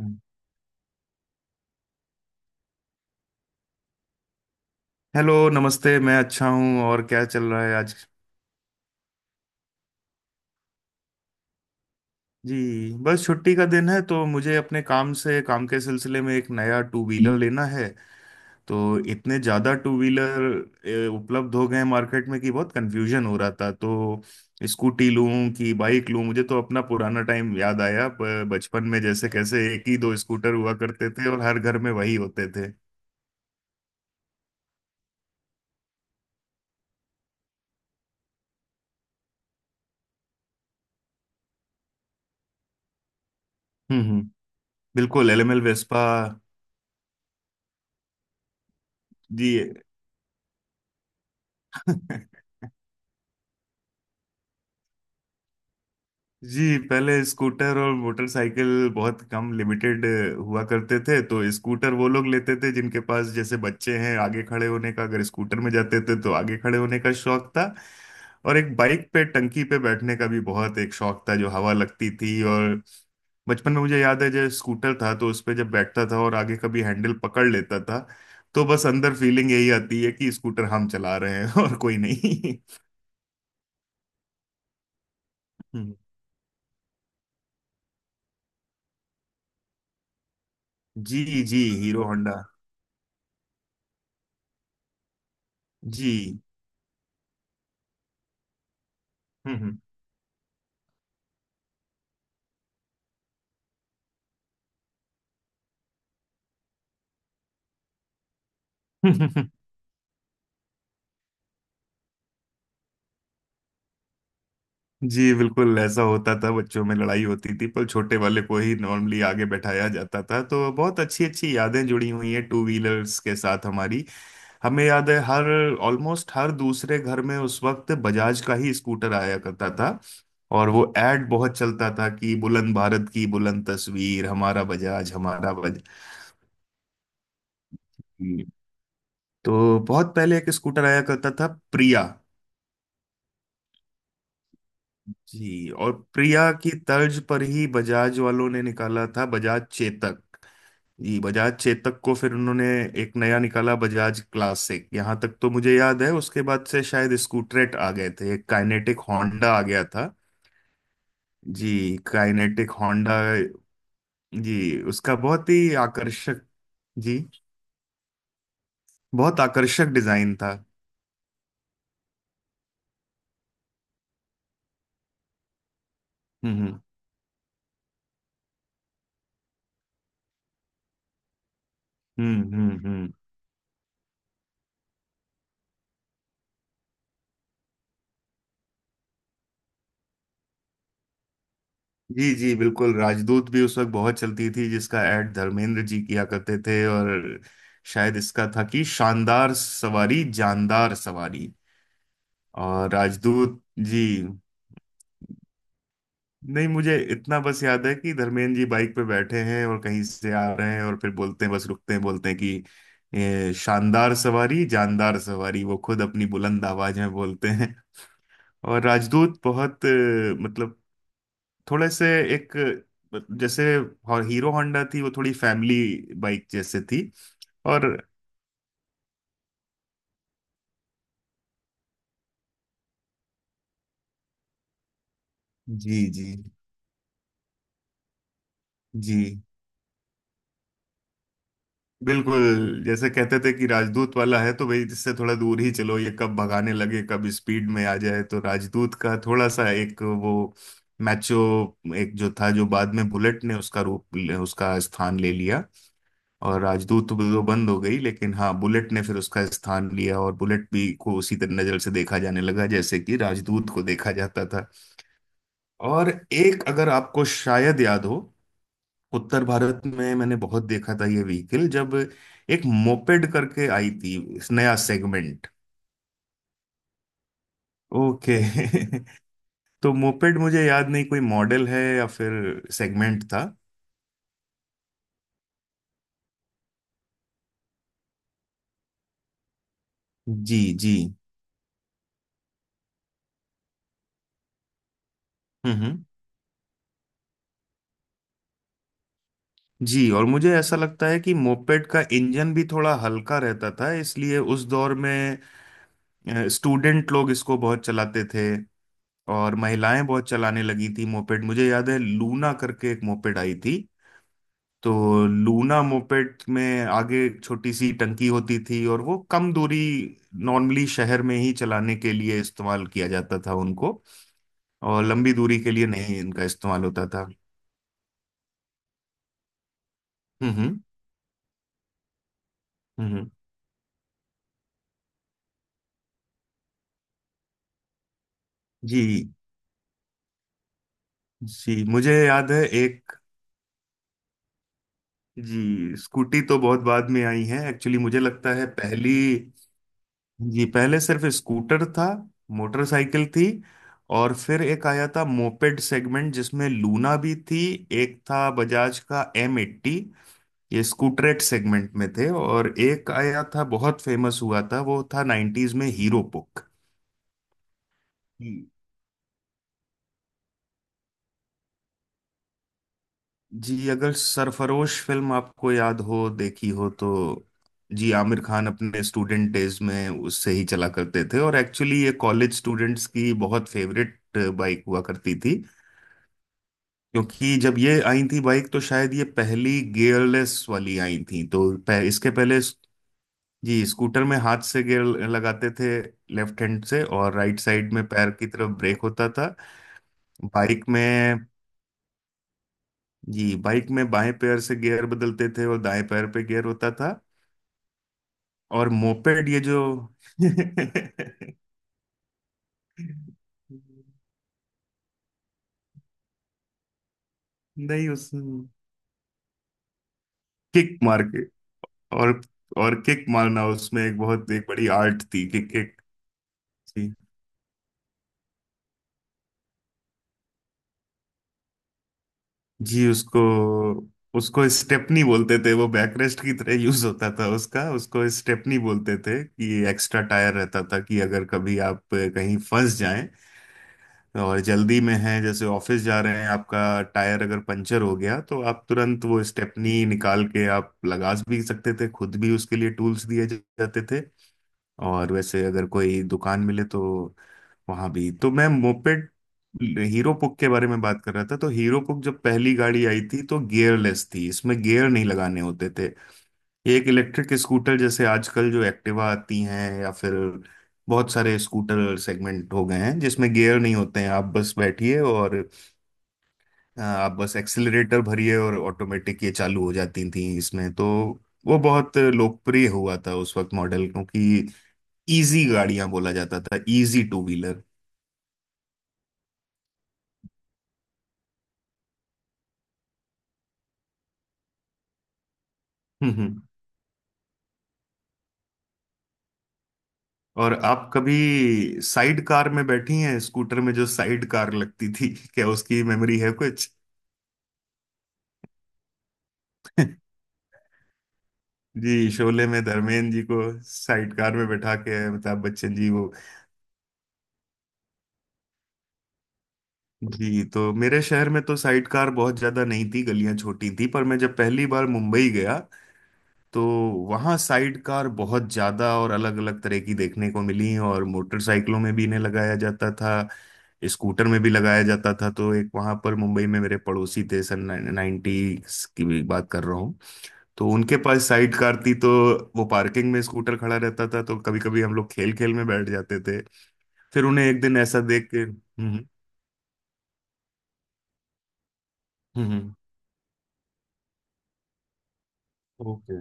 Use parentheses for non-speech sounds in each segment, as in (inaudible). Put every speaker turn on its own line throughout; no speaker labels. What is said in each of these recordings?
हम्म। Hello, नमस्ते। मैं अच्छा हूँ। और क्या चल रहा है आज? जी, बस छुट्टी का दिन है, तो मुझे अपने काम से काम के सिलसिले में एक नया टू व्हीलर लेना है। तो इतने ज़्यादा टू व्हीलर उपलब्ध हो गए हैं मार्केट में कि बहुत कंफ्यूजन हो रहा था, तो स्कूटी लूँ कि बाइक लूँ। मुझे तो अपना पुराना टाइम याद आया। बचपन में जैसे कैसे एक ही दो स्कूटर हुआ करते थे और हर घर में वही होते थे। हम्म। बिल्कुल, एलएमएल वेस्पा। जी। (laughs) जी, पहले स्कूटर और मोटरसाइकिल बहुत कम, लिमिटेड हुआ करते थे। तो स्कूटर वो लोग लेते थे जिनके पास जैसे बच्चे हैं, आगे खड़े होने का, अगर स्कूटर में जाते थे तो आगे खड़े होने का शौक था। और एक बाइक पे टंकी पे बैठने का भी बहुत एक शौक था, जो हवा लगती थी। और बचपन में मुझे याद है जब स्कूटर था तो उस पे जब बैठता था और आगे कभी हैंडल पकड़ लेता था, तो बस अंदर फीलिंग यही आती है कि स्कूटर हम चला रहे हैं और कोई नहीं। (laughs) हम्म। जी जी, हीरो होंडा। जी। हम्म। (laughs) जी, बिल्कुल ऐसा होता था। बच्चों में लड़ाई होती थी, पर छोटे वाले को ही नॉर्मली आगे बैठाया जाता था। तो बहुत अच्छी अच्छी यादें जुड़ी हुई हैं टू व्हीलर्स के साथ हमारी। हमें याद है हर ऑलमोस्ट हर दूसरे घर में उस वक्त बजाज का ही स्कूटर आया करता था। और वो एड बहुत चलता था कि बुलंद भारत की बुलंद तस्वीर, हमारा बजाज हमारा बजाज। तो बहुत पहले एक स्कूटर आया करता था, प्रिया। जी, और प्रिया की तर्ज पर ही बजाज वालों ने निकाला था बजाज चेतक। जी, बजाज चेतक को फिर उन्होंने एक नया निकाला, बजाज क्लासिक। यहाँ तक तो मुझे याद है। उसके बाद से शायद स्कूटरेट आ गए थे। एक काइनेटिक होंडा आ गया था। जी, काइनेटिक होंडा। जी, उसका बहुत ही आकर्षक, जी, बहुत आकर्षक डिजाइन था। हम्म हम्म हम्म हम्म हम्म। जी जी, बिल्कुल। राजदूत भी उस वक्त बहुत चलती थी, जिसका ऐड धर्मेंद्र जी किया करते थे। और शायद इसका था कि शानदार सवारी जानदार सवारी। और राजदूत, जी, नहीं, मुझे इतना बस याद है कि धर्मेंद्र जी बाइक पे बैठे हैं और कहीं से आ रहे हैं, और फिर बोलते हैं, बस रुकते हैं बोलते हैं कि शानदार सवारी जानदार सवारी। वो खुद अपनी बुलंद आवाज में बोलते हैं। और राजदूत बहुत, मतलब थोड़े से एक, जैसे, और हीरो होंडा थी वो थोड़ी फैमिली बाइक जैसे थी। और जी जी जी, बिल्कुल, जैसे कहते थे कि राजदूत वाला है तो भाई इससे थोड़ा दूर ही चलो, ये कब भगाने लगे कब स्पीड में आ जाए। तो राजदूत का थोड़ा सा एक वो मैचो, एक जो था जो बाद में बुलेट ने उसका रूप, उसका स्थान ले लिया। और राजदूत तो वो बंद हो गई, लेकिन हाँ, बुलेट ने फिर उसका स्थान लिया। और बुलेट भी को उसी तरह नजर से देखा जाने लगा जैसे कि राजदूत को देखा जाता था। और एक, अगर आपको शायद याद हो, उत्तर भारत में मैंने बहुत देखा था ये व्हीकल जब एक मोपेड करके आई थी, इस नया सेगमेंट। ओके। (laughs) तो मोपेड, मुझे याद नहीं कोई मॉडल है या फिर सेगमेंट था। जी जी। हम्म हम्म। जी, और मुझे ऐसा लगता है कि मोपेड का इंजन भी थोड़ा हल्का रहता था, इसलिए उस दौर में स्टूडेंट लोग इसको बहुत चलाते थे। और महिलाएं बहुत चलाने लगी थी मोपेड। मुझे याद है लूना करके एक मोपेड आई थी। तो लूना मोपेड में आगे एक छोटी सी टंकी होती थी, और वो कम दूरी, नॉर्मली शहर में ही चलाने के लिए इस्तेमाल किया जाता था उनको। और लंबी दूरी के लिए नहीं इनका इस्तेमाल होता था। हम्म हम्म हम्म। जी जी, मुझे याद है एक, जी, स्कूटी तो बहुत बाद में आई है एक्चुअली, मुझे लगता है पहली, जी, पहले सिर्फ स्कूटर था, मोटरसाइकिल थी। और फिर एक आया था मोपेड सेगमेंट, जिसमें लूना भी थी। एक था बजाज का M80। ये स्कूटरेट सेगमेंट में थे। और एक आया था, बहुत फेमस हुआ था, वो था 90s में, हीरो पुक। जी, अगर सरफरोश फिल्म आपको याद हो, देखी हो तो, जी, आमिर खान अपने स्टूडेंट डेज में उससे ही चला करते थे। और एक्चुअली ये कॉलेज स्टूडेंट्स की बहुत फेवरेट बाइक हुआ करती थी। क्योंकि जब ये आई थी बाइक, तो शायद ये पहली गियरलेस वाली आई थी। तो इसके पहले जी, स्कूटर में हाथ से गियर लगाते थे, लेफ्ट हैंड से, और राइट साइड में पैर की तरफ ब्रेक होता था। बाइक में, जी, बाइक में बाएं पैर से गियर बदलते थे और दाएं पैर पे गियर होता था। और मोपेड ये जो (laughs) नहीं, उस किक मार के, और और किक मारना उसमें एक बहुत, एक बड़ी आर्ट थी कि किक। जी जी, उसको उसको स्टेपनी बोलते थे, वो बैकरेस्ट की तरह यूज होता था उसका। उसको स्टेपनी बोलते थे कि एक्स्ट्रा टायर रहता था, कि अगर कभी आप कहीं फंस जाएं और जल्दी में है, जैसे ऑफिस जा रहे हैं, आपका टायर अगर पंचर हो गया, तो आप तुरंत वो स्टेपनी निकाल के आप लगा भी सकते थे खुद भी। उसके लिए टूल्स दिए जाते थे। और वैसे अगर कोई दुकान मिले तो वहां भी। तो मैं मोपेड, हीरो पुक के बारे में बात कर रहा था, तो हीरो पुक जब पहली गाड़ी आई थी तो गियरलेस थी, इसमें गियर नहीं लगाने होते थे। एक इलेक्ट्रिक स्कूटर जैसे आजकल जो एक्टिवा आती हैं, या फिर बहुत सारे स्कूटर सेगमेंट हो गए हैं जिसमें गियर नहीं होते हैं, आप बस बैठिए और आप बस एक्सिलरेटर भरिए और ऑटोमेटिक ये चालू हो जाती थी। इसमें तो वो बहुत लोकप्रिय हुआ था उस वक्त मॉडल, क्योंकि इजी गाड़ियां बोला जाता था, इजी टू व्हीलर। हम्म हम्म। और आप कभी साइड कार में बैठी हैं, स्कूटर में जो साइड कार लगती थी, क्या उसकी मेमोरी है कुछ? (laughs) जी, शोले में धर्मेंद्र जी को साइडकार में बैठा के अमिताभ बच्चन जी वो, जी, तो मेरे शहर में तो साइडकार बहुत ज्यादा नहीं थी, गलियां छोटी थी। पर मैं जब पहली बार मुंबई गया, तो वहाँ साइडकार बहुत ज्यादा और अलग अलग तरह की देखने को मिली। और मोटरसाइकिलों में भी इन्हें लगाया जाता था, स्कूटर में भी लगाया जाता था। तो एक वहाँ पर मुंबई में मेरे पड़ोसी थे, सन 90s की भी बात कर रहा, तो उनके पास साइड कार थी। तो वो पार्किंग में स्कूटर खड़ा रहता था, तो कभी कभी हम लोग खेल खेल में बैठ जाते थे। फिर उन्हें एक दिन ऐसा देख के हम्म। हम्म। ओके।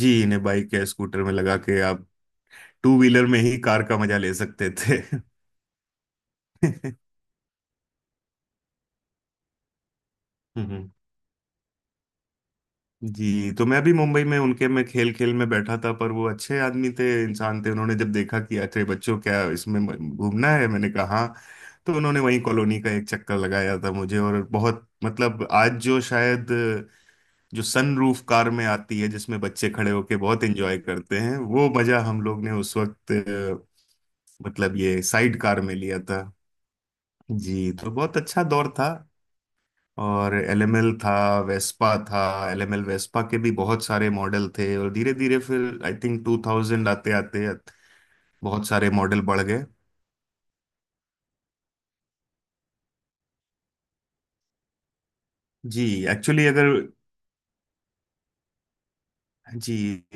जी, इन्हें बाइक या स्कूटर में लगा के आप टू व्हीलर में ही कार का मजा ले सकते थे। (laughs) हम्म। जी, तो मैं भी मुंबई में उनके में खेल खेल में बैठा था। पर वो अच्छे आदमी थे, इंसान थे, उन्होंने जब देखा कि अरे बच्चों क्या इसमें घूमना है, मैंने कहा हाँ। तो उन्होंने वहीं कॉलोनी का एक चक्कर लगाया था मुझे। और बहुत, मतलब आज जो शायद, जो सनरूफ कार में आती है, जिसमें बच्चे खड़े होके बहुत एंजॉय करते हैं, वो मजा हम लोग ने उस वक्त मतलब ये साइड कार में लिया था। जी, तो बहुत अच्छा दौर था। और एलएमएल था, वेस्पा था। एलएमएल वेस्पा के भी बहुत सारे मॉडल थे। और धीरे धीरे फिर, आई थिंक, 2000 आते आते बहुत सारे मॉडल बढ़ गए। जी, एक्चुअली अगर, जी,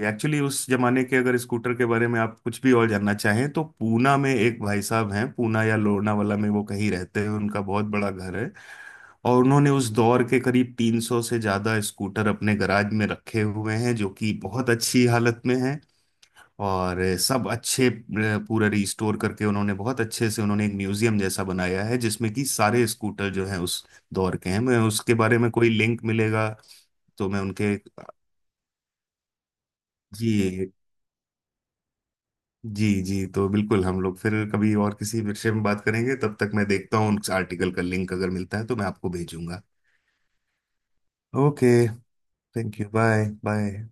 एक्चुअली उस जमाने के अगर स्कूटर के बारे में आप कुछ भी और जानना चाहें, तो पूना में एक भाई साहब हैं, पूना या लोनावाला में वो कहीं रहते हैं, उनका बहुत बड़ा घर है। और उन्होंने उस दौर के करीब 300 से ज़्यादा स्कूटर अपने गराज में रखे हुए हैं, जो कि बहुत अच्छी हालत में हैं। और सब अच्छे, पूरा रिस्टोर करके, उन्होंने बहुत अच्छे से, उन्होंने एक म्यूजियम जैसा बनाया है, जिसमें कि सारे स्कूटर जो हैं उस दौर के हैं। मैं उसके बारे में कोई लिंक मिलेगा तो मैं उनके, जी जी जी, तो बिल्कुल, हम लोग फिर कभी और किसी विषय में बात करेंगे। तब तक मैं देखता हूँ उस आर्टिकल का लिंक, अगर मिलता है तो मैं आपको भेजूंगा। Okay, thank you. Bye bye.